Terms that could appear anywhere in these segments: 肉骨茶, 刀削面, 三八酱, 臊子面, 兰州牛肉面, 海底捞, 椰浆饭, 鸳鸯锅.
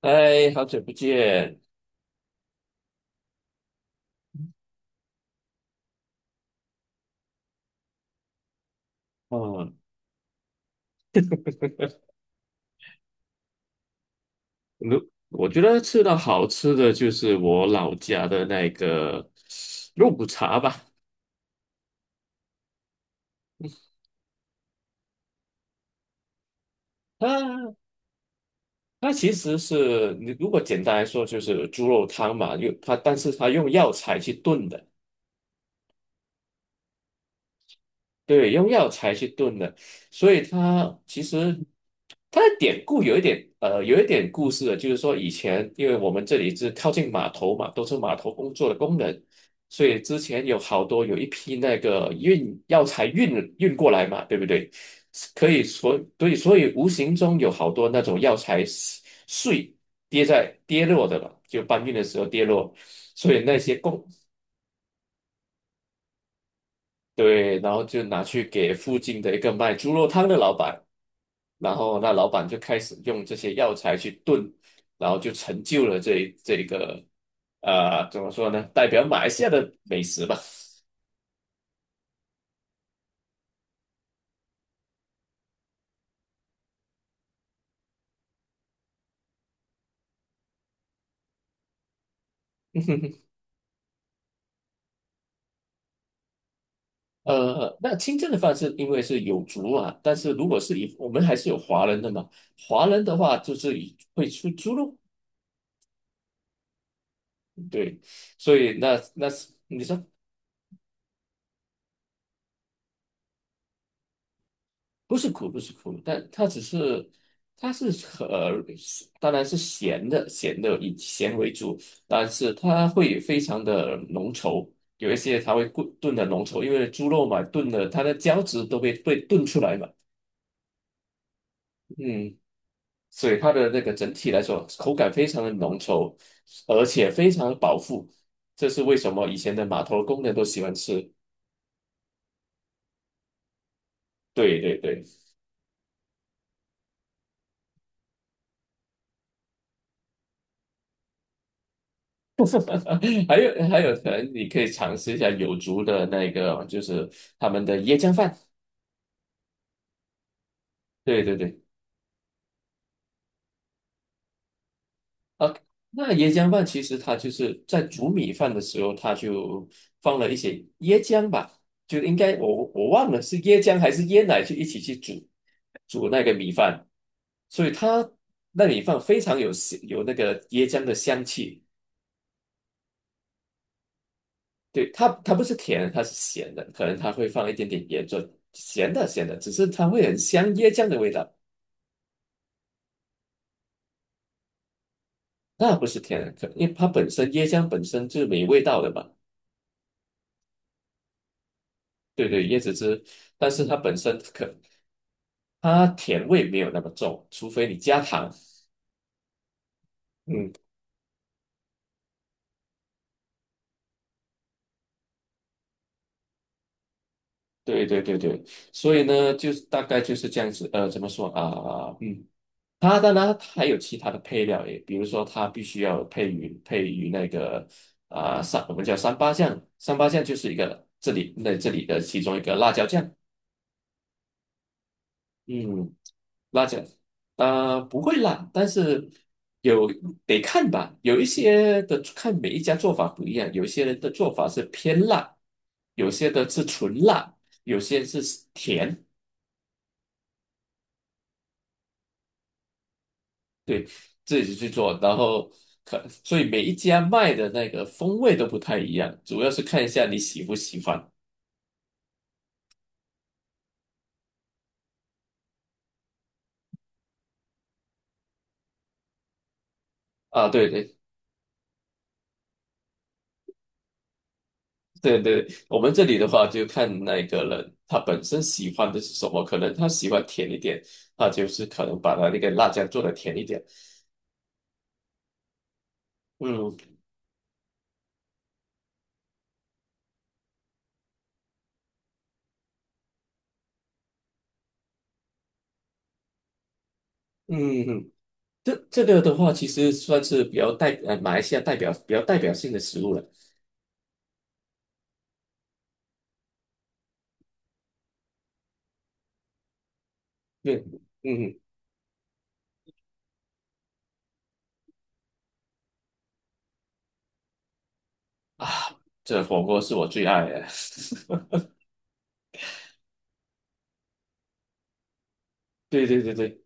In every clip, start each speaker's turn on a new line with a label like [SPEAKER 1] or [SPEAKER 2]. [SPEAKER 1] 哎，好久不见。嗯，如我觉得吃到好吃的就是我老家的那个肉骨茶吧。它它其实是你如果简单来说就是猪肉汤嘛，用它，但是它用药材去炖的。对，用药材去炖的，所以它其实它的典故有一点故事的，就是说以前因为我们这里是靠近码头嘛，都是码头工作的工人，所以之前有好多有一批那个运药材运过来嘛，对不对？可以所对，所以无形中有好多那种药材碎跌落的了，就搬运的时候跌落，所以那些工对，然后就拿去给附近的一个卖猪肉汤的老板。然后那老板就开始用这些药材去炖，然后就成就了这个怎么说呢？代表马来西亚的美食吧。那清蒸的方式因为是有族啊，但是如果是以我们还是有华人的嘛，华人的话就是以会出猪肉，对，所以那是你说。不是苦，不是苦，但它只是，它是呃，当然是咸的，咸的以咸为主，但是它会非常的浓稠，有一些它会炖炖的浓稠，因为猪肉嘛，炖的它的胶质都被炖出来嘛，嗯，所以它的那个整体来说，口感非常的浓稠，而且非常的饱腹，这是为什么以前的码头工人都喜欢吃。对对对。还有，可能你可以尝试一下有族的那个，就是他们的椰浆饭。对对对，啊，那椰浆饭其实它就是在煮米饭的时候，它就放了一些椰浆吧，就应该我忘了是椰浆还是椰奶去一起去煮那个米饭，所以它那米饭非常有香有那个椰浆的香气。对，它不是甜的，它是咸的，可能它会放一点点盐做咸的咸的，只是它会很香椰浆的味道。那不是天然可，因为它本身椰浆本身就是没味道的嘛。对对，椰子汁，但是它本身可，它甜味没有那么重，除非你加糖。嗯，对对对对，所以呢，就是大概就是这样子。怎么说啊？它当然它还有其他的配料也，比如说它必须要配于那个我们叫三八酱，三八酱就是一个这里的其中一个辣椒酱。嗯。辣椒，啊，不会辣，但是有得看吧。有一些的看每一家做法不一样，有些人的做法是偏辣，有些的是纯辣，有些是甜。对，自己去做，然后可，所以每一家卖的那个风味都不太一样，主要是看一下你喜不喜欢。啊，对对对对，我们这里的话就看那个人他本身喜欢的是什么，可能他喜欢甜一点，他就是可能把他那个辣椒做的甜一点。嗯嗯，这个的话，其实算是比较代呃马来西亚代表比较代表性的食物了。对，嗯啊，这火锅是我最爱的。对对对对，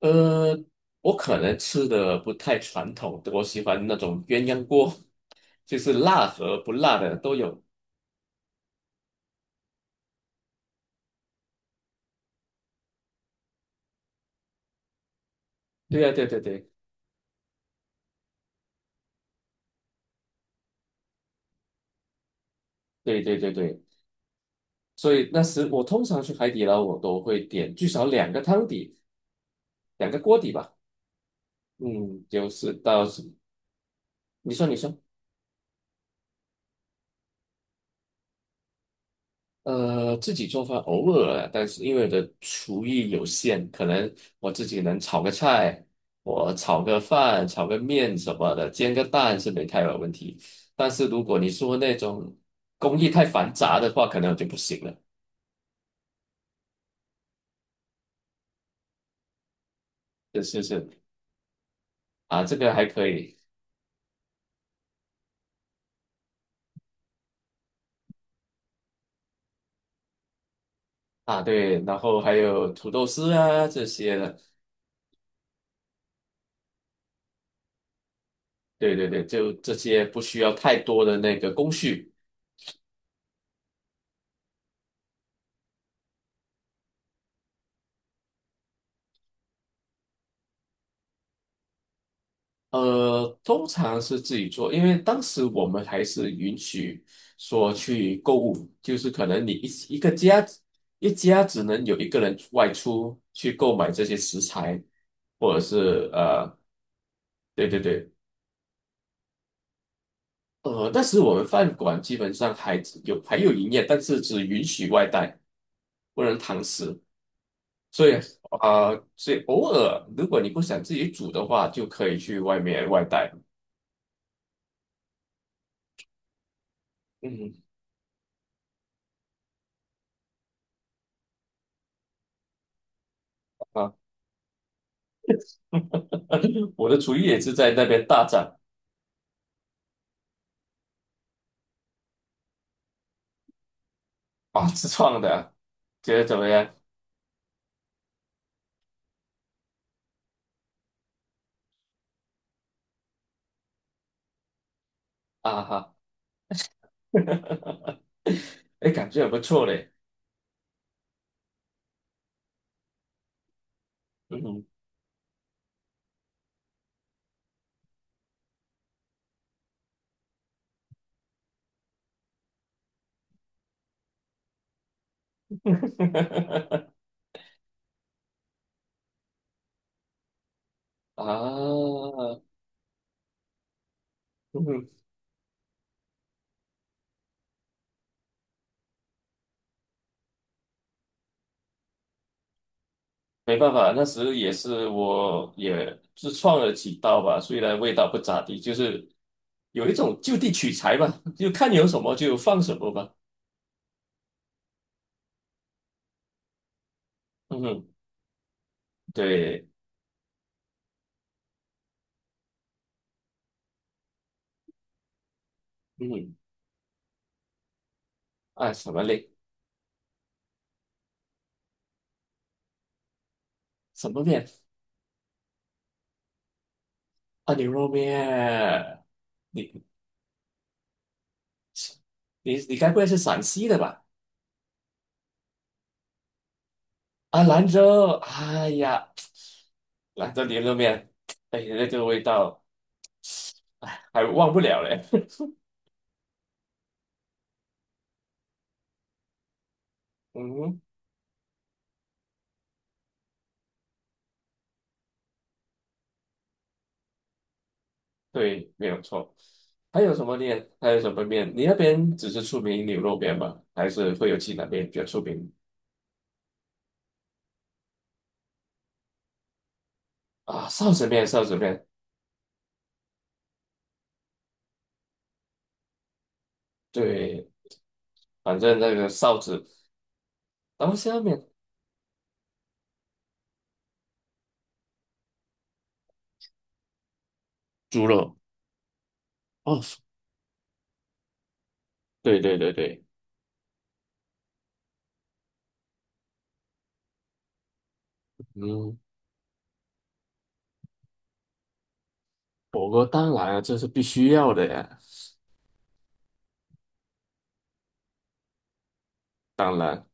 [SPEAKER 1] 呃，我可能吃的不太传统，我喜欢那种鸳鸯锅，就是辣和不辣的都有。对呀、对对对对对对对，所以那时我通常去海底捞，我都会点至少两个汤底，两个锅底吧。嗯，就是到时你说你说。自己做饭偶尔啊，但是因为我的厨艺有限，可能我自己能炒个菜，我炒个饭、炒个面什么的，煎个蛋是没太有问题。但是如果你说那种工艺太繁杂的话，可能我就不行了。就是是啊，这个还可以啊，对，然后还有土豆丝啊这些的，对对对，就这些不需要太多的那个工序。通常是自己做，因为当时我们还是允许说去购物，就是可能你一家只能有一个人外出去购买这些食材，或者是对对对，但是我们饭馆基本上还有营业，但是只允许外带，不能堂食，所以啊、呃偶尔如果你不想自己煮的话，就可以去外面外带。嗯。啊。我的厨艺也是在那边大展 啊，自创的啊觉得怎么样？啊哈，哎，感觉很不错嘞。嗯，啊，嗯没办法，那时也是我也自创了几道吧，虽然味道不咋地，就是有一种就地取材吧，就看有什么就放什么吧。嗯，对，嗯，啊，什么嘞？什么面？啊，牛肉面。你你该不会是陕西的吧？啊，兰州，哎呀，兰州牛肉面，哎呀，那个味道，哎，还忘不了嘞。嗯，对，没有错。还有什么面？还有什么面？你那边只是出名牛肉面吗？还是会有其他面比较出名？啊，臊子面，臊子面，对，反正那个臊子，刀削面，猪肉，哦，对对对对，嗯，火锅当然啊，这是必须要的呀。当然。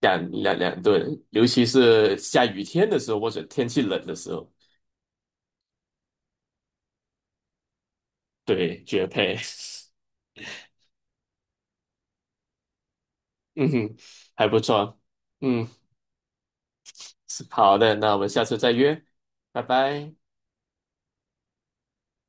[SPEAKER 1] 两顿，尤其是下雨天的时候或者天气冷的时候，对，绝配。嗯哼，还不错。嗯，是好的，那我们下次再约，拜拜。